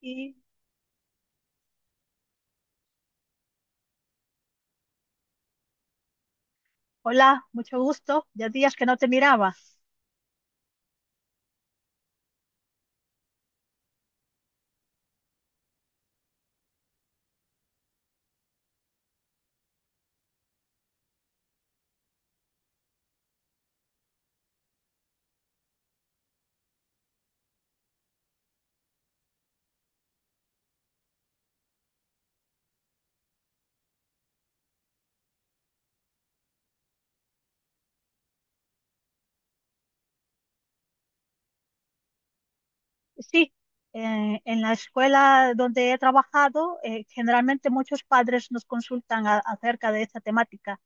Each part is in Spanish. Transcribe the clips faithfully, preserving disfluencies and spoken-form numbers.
Y, hola, mucho gusto. Ya días que no te miraba. Sí, eh, en la escuela donde he trabajado, eh, generalmente muchos padres nos consultan a- acerca de esta temática.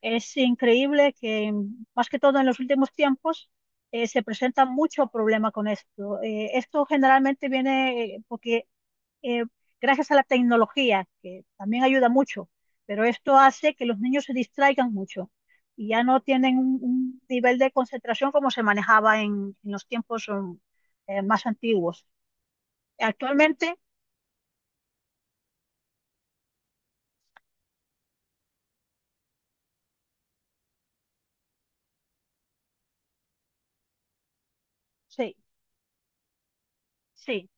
Es increíble que, mm, más que todo en los últimos tiempos, eh, se presenta mucho problema con esto. Eh, esto generalmente viene eh, porque eh, gracias a la tecnología, que también ayuda mucho, pero esto hace que los niños se distraigan mucho y ya no tienen un, un nivel de concentración como se manejaba en, en los tiempos um, eh, más antiguos. Actualmente, sí, sí,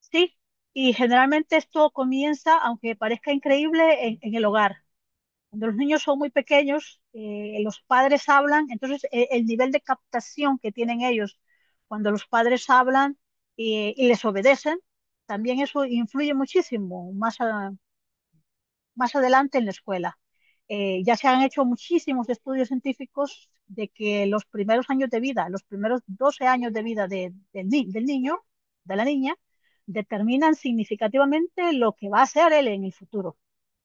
sí, y generalmente esto comienza, aunque parezca increíble, en, en el hogar. Cuando los niños son muy pequeños, eh, los padres hablan, entonces eh, el nivel de captación que tienen ellos cuando los padres hablan eh, y les obedecen, también eso influye muchísimo más, a- más adelante en la escuela. Eh, ya se han hecho muchísimos estudios científicos de que los primeros años de vida, los primeros doce años de vida de- del ni- del niño, de la niña, determinan significativamente lo que va a ser él en el futuro.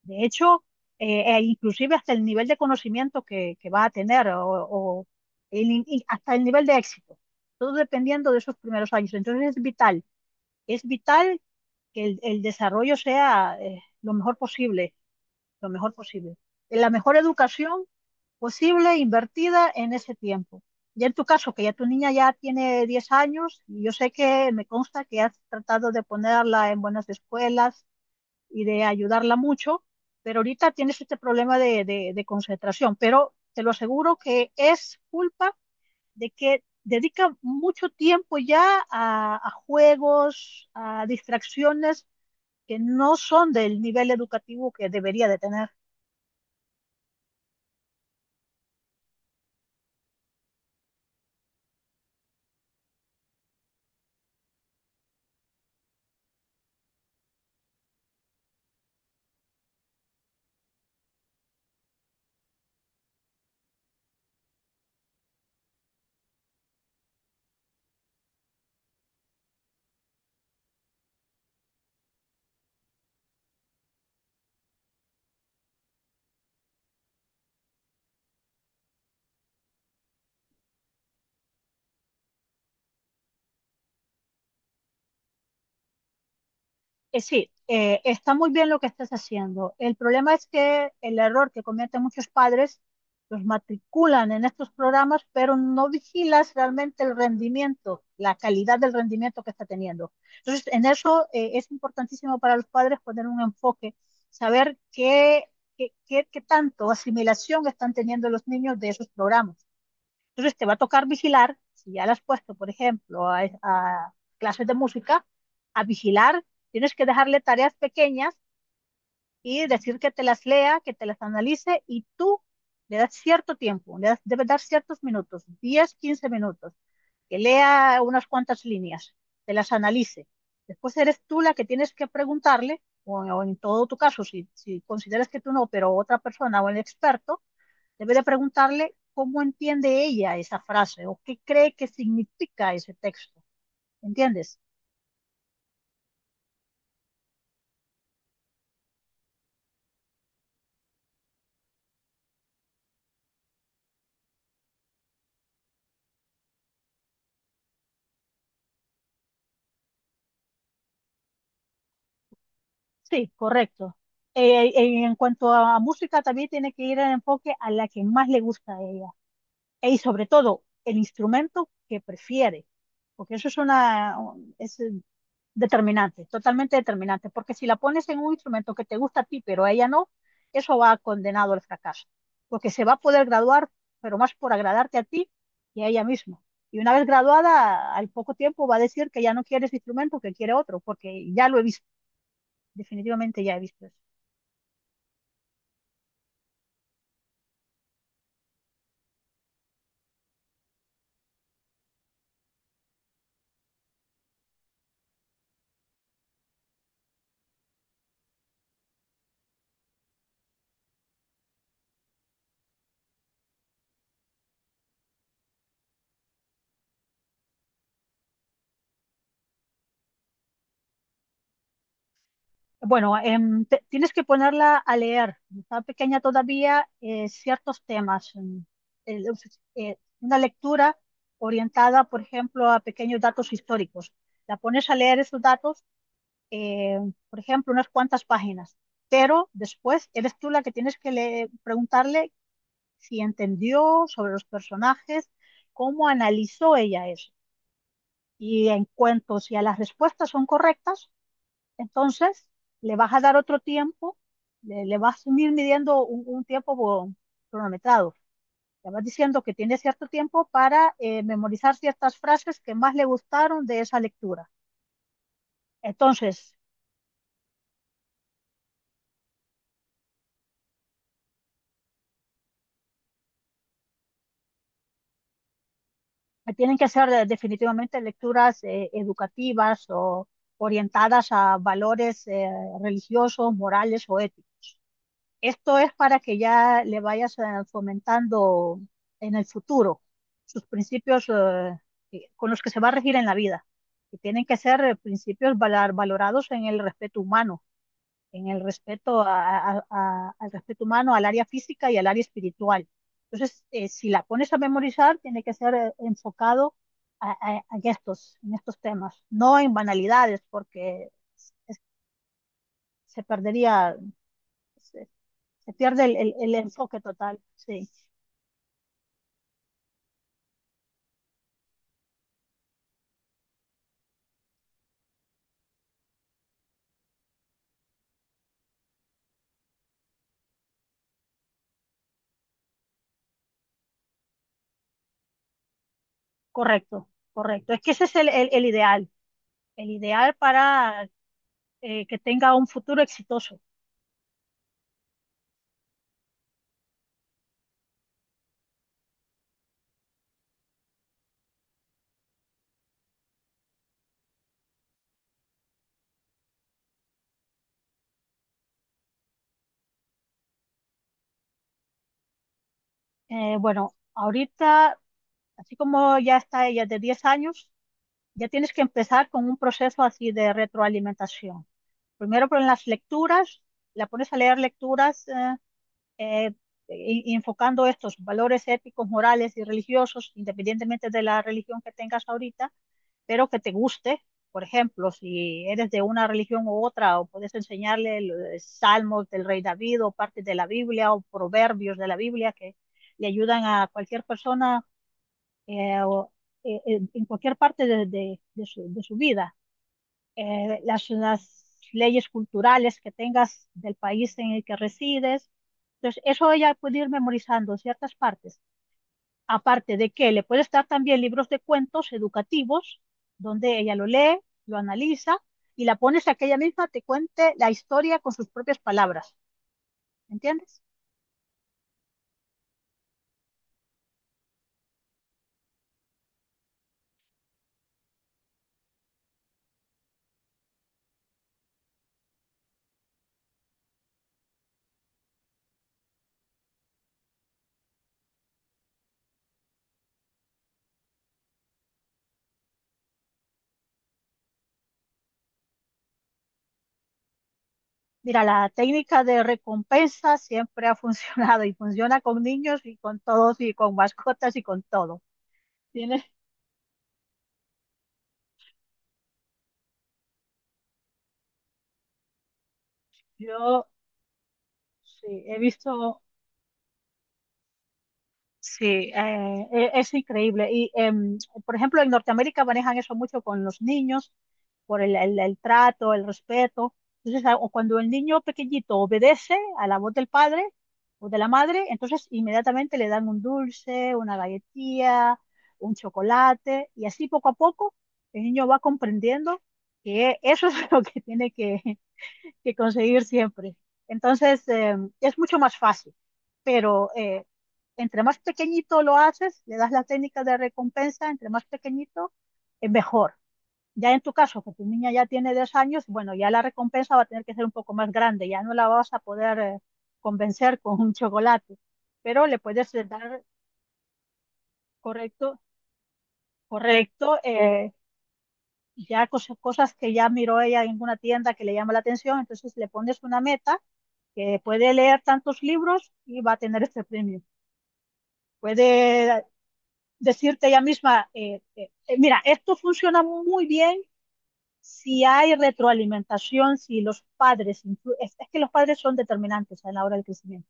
De hecho, eh, e inclusive hasta el nivel de conocimiento que, que va a tener o, o el in- y hasta el nivel de éxito, todo dependiendo de esos primeros años. Entonces es vital, es vital que el, el desarrollo sea eh, lo mejor posible, lo mejor posible. La mejor educación posible invertida en ese tiempo. Ya en tu caso, que ya tu niña ya tiene diez años, y yo sé que me consta que has tratado de ponerla en buenas escuelas y de ayudarla mucho, pero ahorita tienes este problema de, de, de concentración, pero te lo aseguro que es culpa de que dedica mucho tiempo ya a, a juegos, a distracciones que no son del nivel educativo que debería de tener. Eh, sí, eh, está muy bien lo que estás haciendo. El problema es que el error que cometen muchos padres, los matriculan en estos programas, pero no vigilas realmente el rendimiento, la calidad del rendimiento que está teniendo. Entonces, en eso eh, es importantísimo para los padres poner un enfoque, saber qué, qué, qué, qué tanto asimilación están teniendo los niños de esos programas. Entonces te va a tocar vigilar, si ya le has puesto, por ejemplo, a, a clases de música, a vigilar, tienes que dejarle tareas pequeñas y decir que te las lea, que te las analice y tú le das cierto tiempo, le das, debes dar ciertos minutos, diez, quince minutos, que lea unas cuantas líneas, te las analice. Después eres tú la que tienes que preguntarle, o, o en todo tu caso, si, si consideras que tú no, pero otra persona o el experto, Debe de preguntarle cómo entiende ella esa frase o qué cree que significa ese texto. ¿Entiendes? Sí, correcto. Eh, eh, en cuanto a música, también tiene que ir el enfoque a la que más le gusta a ella. E, y sobre todo, el instrumento que prefiere. Porque eso es una, es, Determinante, totalmente determinante, porque si la pones en un instrumento que te gusta a ti, pero a ella no, eso va condenado al fracaso, porque se va a poder graduar, pero más por agradarte a ti y a ella misma. Y una vez graduada, al poco tiempo va a decir que ya no quiere ese instrumento, que quiere otro, porque ya lo he visto, definitivamente ya he visto eso. Bueno, em, te- tienes que ponerla a leer. Está pequeña todavía, eh, ciertos temas. mm, el- eh, una lectura orientada, por ejemplo, a pequeños datos históricos. La pones a leer esos datos, eh, por ejemplo, unas cuantas páginas. Pero después eres tú la que tienes que le- preguntarle si entendió sobre los personajes, cómo analizó ella eso. Y en cuanto si a las respuestas son correctas, entonces, le vas a dar otro tiempo, le, le vas a ir midiendo un, un tiempo bo- cronometrado. Le vas diciendo que tiene cierto tiempo para eh, memorizar ciertas frases que más le gustaron de esa lectura. Entonces, eh, tienen que ser eh, definitivamente lecturas eh, educativas o orientadas a valores eh, religiosos, morales o éticos. Esto es para que ya le vayas eh, fomentando en el futuro sus principios eh, que- con los que se va a regir en la vida. Y tienen que ser eh, principios valar- valorados en el respeto humano, en el respeto a- a- a- al respeto humano, al área física y al área espiritual. Entonces, eh, si la pones a memorizar, tiene que ser eh, enfocado a, a- a estos, en estos temas, no en banalidades, porque es- se perdería se pierde el, el- el enfoque total. Sí, correcto, correcto. Es que ese es el, el- el ideal, el ideal para eh, que tenga un futuro exitoso. Eh, bueno, ahorita, así como ya está ella de diez años, ya tienes que empezar con un proceso así de retroalimentación. Primero con las lecturas, la pones a leer lecturas eh, eh, y- y enfocando estos valores éticos, morales y religiosos, independientemente de la religión que tengas ahorita pero que te guste. Por ejemplo, si eres de una religión u otra, o puedes enseñarle el- salmos del rey David o partes de la Biblia o proverbios de la Biblia que le ayudan a cualquier persona eh, o, eh, eh, en cualquier parte de, de- de su, de su vida. Eh, las, las leyes culturales que tengas del país en el que resides. Entonces, eso ella puede ir memorizando ciertas partes. Aparte de que le puede estar también libros de cuentos educativos, donde ella lo lee, lo analiza y la pones a que ella misma te cuente la historia con sus propias palabras. ¿Entiendes? Mira, la técnica de recompensa siempre ha funcionado y funciona con niños y con todos y con mascotas y con todo. Tienes, yo sí, he visto Sí, eh, e- es increíble. Y, em, por ejemplo, en Norteamérica manejan eso mucho con los niños, por el, el- el trato, el respeto. Entonces, a- o cuando el niño pequeñito obedece a la voz del padre o de la madre, entonces inmediatamente le dan un dulce, una galletilla, un chocolate, y así poco a poco el niño va comprendiendo que eso es lo que tiene que que conseguir siempre. Entonces, eh, es mucho más fácil, pero eh, entre más pequeñito lo haces, le das la técnica de recompensa, entre más pequeñito, es mejor. Ya en tu caso, que tu niña ya tiene diez años, bueno, ya la recompensa va a tener que ser un poco más grande, ya no la vas a poder eh, convencer con un chocolate, pero le puedes eh, dar, correcto, correcto, eh, ya cosas, cosas que ya miró ella en una tienda que le llama la atención, entonces le pones una meta que puede leer tantos libros y va a tener este premio. Puede decirte ella misma, eh, eh, eh, mira, esto funciona muy bien si hay retroalimentación, si los padres, influ- es, es que los padres son determinantes a la hora del crecimiento.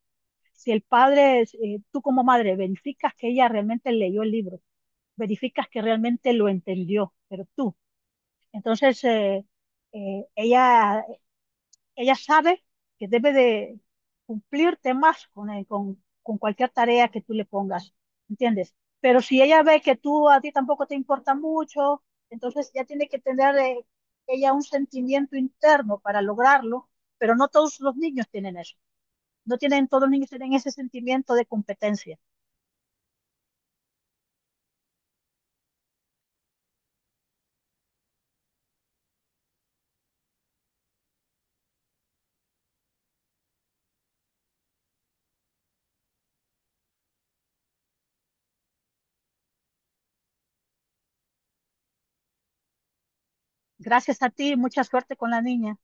Si el padre, es, eh, tú como madre, verificas que ella realmente leyó el libro, verificas que realmente lo entendió, pero tú. Entonces, eh, eh, ella ella sabe que debe de cumplir temas con, el- con, con cualquier tarea que tú le pongas, ¿entiendes? Pero si ella ve que tú a ti tampoco te importa mucho, entonces ya tiene que tener eh, ella un sentimiento interno para lograrlo, pero no todos los niños tienen eso. No tienen, todos los niños tienen ese sentimiento de competencia. Gracias a ti, mucha suerte con la niña.